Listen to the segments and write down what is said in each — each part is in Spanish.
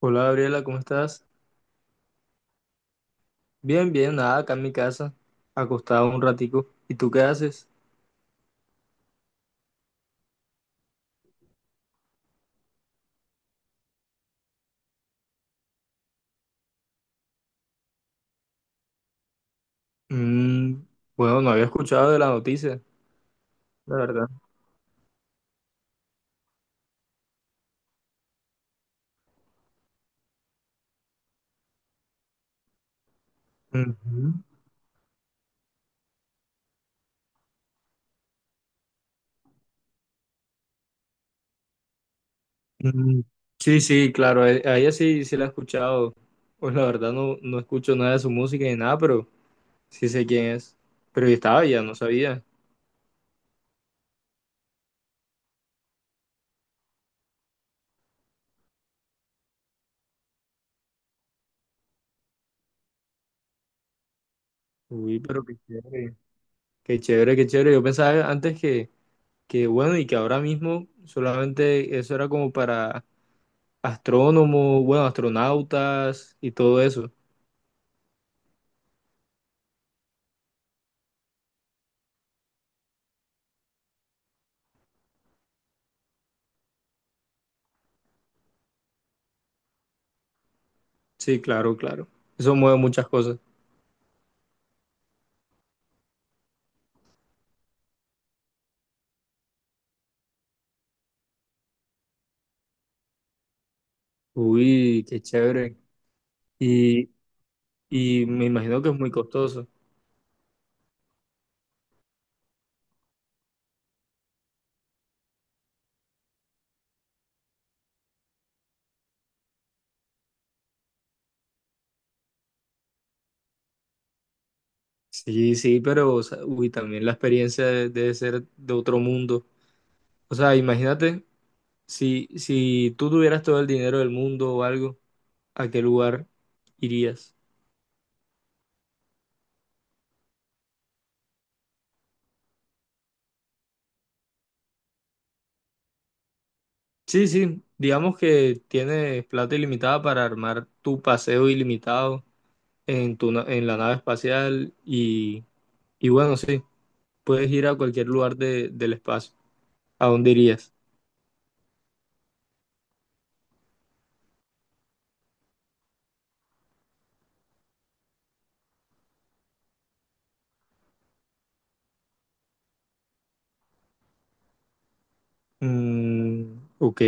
Hola Gabriela, ¿cómo estás? Bien, bien, nada, acá en mi casa, acostado un ratico. ¿Y tú qué haces? Mm, bueno, no había escuchado de la noticia, la verdad. Ujú. Mm, sí, sí, claro, a ella sí, sí la he escuchado. Pues la verdad no, no escucho nada de su música ni nada, pero sí sé quién es. Pero yo estaba ya, no sabía. Uy, pero qué chévere. Qué chévere, qué chévere. Yo pensaba antes que bueno, y que ahora mismo solamente eso era como para astrónomos, bueno, astronautas y todo eso. Sí, claro, claro. Eso mueve muchas cosas. Uy, qué chévere. Y, y me imagino que es muy costoso. Sí, sí, pero, o sea, uy, también la experiencia debe ser de otro mundo. O sea, imagínate si, si tú tuvieras todo el dinero del mundo o algo, ¿a qué lugar irías? Sí, sí, digamos que tienes plata ilimitada para armar tu paseo ilimitado en en la nave espacial. Y bueno, sí, puedes ir a cualquier lugar del espacio. ¿A dónde irías? Mm, ok,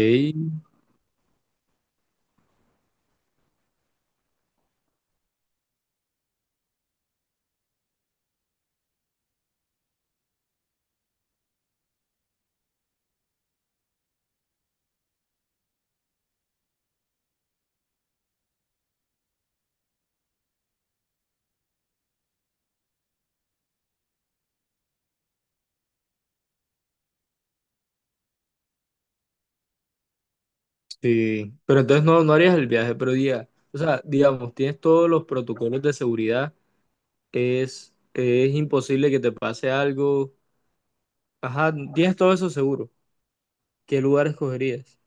sí. Pero entonces no, no harías el viaje, pero diga, o sea, digamos, tienes todos los protocolos de seguridad, es imposible que te pase algo. Ajá, tienes todo eso seguro. ¿Qué lugar escogerías?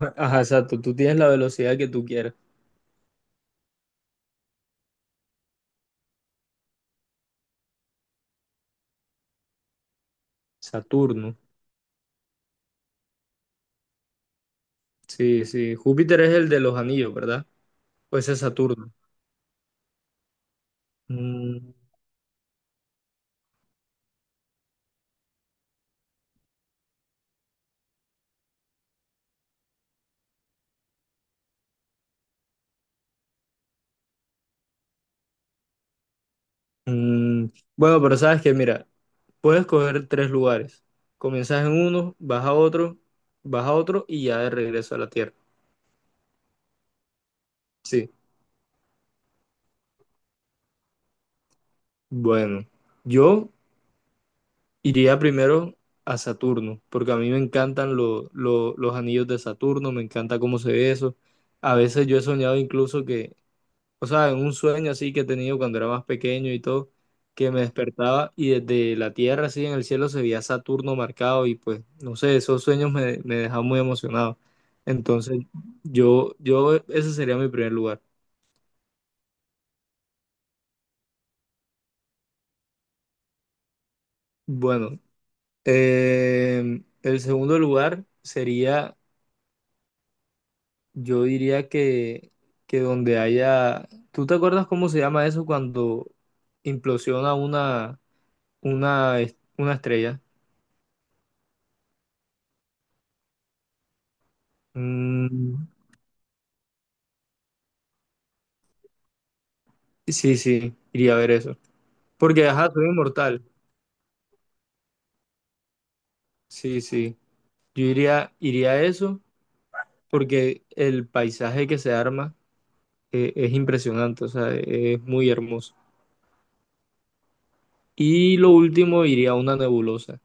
Ajá, exacto, tú tienes la velocidad que tú quieras. Saturno. Sí, sí. Júpiter es el de los anillos, ¿verdad? Pues es Saturno. Mm, mm, bueno, pero sabes que, mira. Puedes coger tres lugares. Comienzas en uno, vas a otro y ya de regreso a la Tierra. Sí. Bueno, yo iría primero a Saturno, porque a mí me encantan los anillos de Saturno, me encanta cómo se ve eso. A veces yo he soñado incluso que, o sea, en un sueño así que he tenido cuando era más pequeño y todo, que me despertaba y desde la tierra así en el cielo se veía Saturno marcado y pues, no sé, esos sueños me, me dejaban muy emocionado. Entonces, ese sería mi primer lugar. Bueno, el segundo lugar sería, yo diría que donde haya, ¿tú te acuerdas cómo se llama eso cuando implosiona una, una estrella? Mm, sí, sí, iría a ver eso. Porque, ajá, soy inmortal. Sí, sí. Yo iría a eso porque el paisaje que se arma, es impresionante, o sea, es muy hermoso. Y lo último, iría a una nebulosa.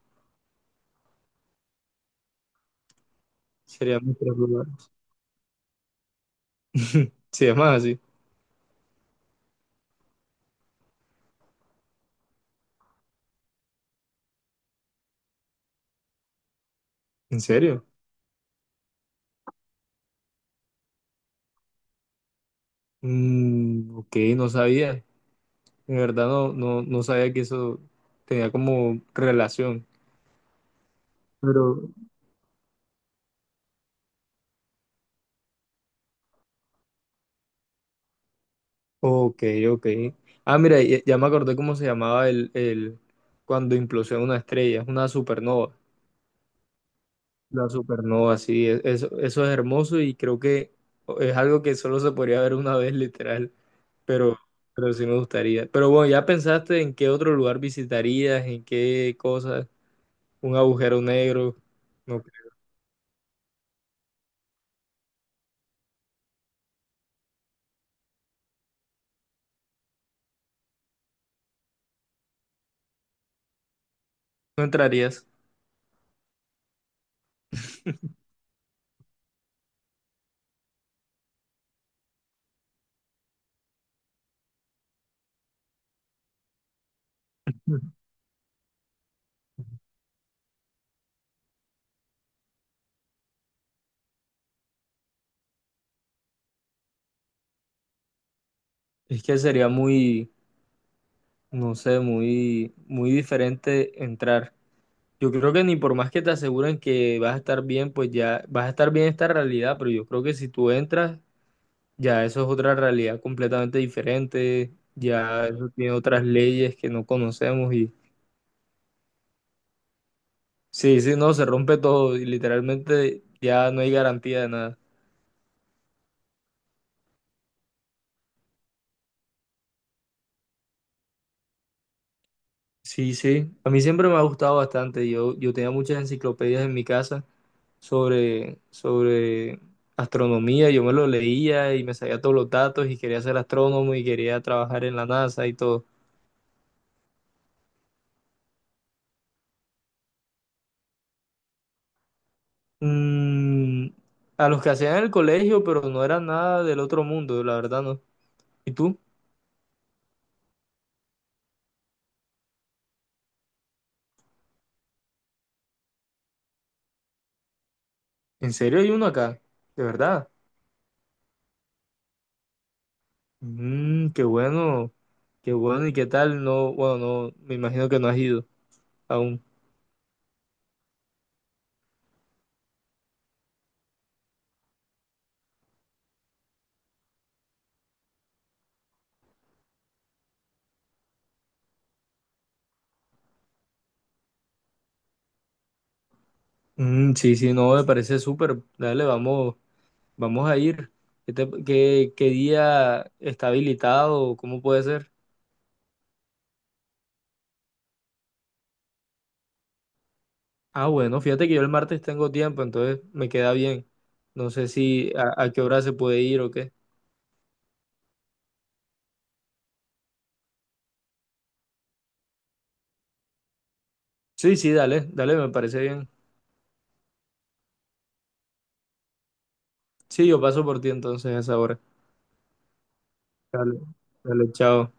Serían mis tres lugares. Sí, es más así. ¿En serio? Mm, ok, no sabía. De verdad, no, no, no sabía que eso tenía como relación. Pero ok, ok. Ah, mira, ya, ya me acordé cómo se llamaba el cuando implosiona una estrella, es una supernova. La supernova, sí, eso, eso es hermoso y creo que es algo que solo se podría ver una vez, literal, pero, pero sí me gustaría. Pero bueno, ¿ya pensaste en qué otro lugar visitarías, en qué cosas? Un agujero negro, no, no entrarías. Es que sería muy, no sé, muy, muy diferente entrar. Yo creo que ni por más que te aseguren que vas a estar bien, pues ya vas a estar bien esta realidad, pero yo creo que si tú entras, ya eso es otra realidad completamente diferente, ya eso tiene otras leyes que no conocemos y sí, sí, no, se rompe todo y literalmente ya no hay garantía de nada. Sí, sí, a mí siempre me ha gustado bastante, yo tenía muchas enciclopedias en mi casa sobre, sobre astronomía, yo me lo leía y me sabía todos los datos y quería ser astrónomo y quería trabajar en la NASA y todo. Mm, a los que hacían en el colegio, pero no era nada del otro mundo, la verdad no. ¿Y tú? ¿En serio hay uno acá? ¿De verdad? Mm, qué bueno y qué tal. No, bueno, no, me imagino que no has ido aún. Mm, sí, sí, no, me parece súper. Dale, vamos, vamos a ir. ¿Qué, qué, qué día está habilitado? ¿Cómo puede ser? Ah, bueno, fíjate que yo el martes tengo tiempo, entonces me queda bien. No sé si a, a qué hora se puede ir o qué. Sí, sí, dale, dale, me parece bien. Sí, yo paso por ti entonces a esa hora. Dale, dale, chao.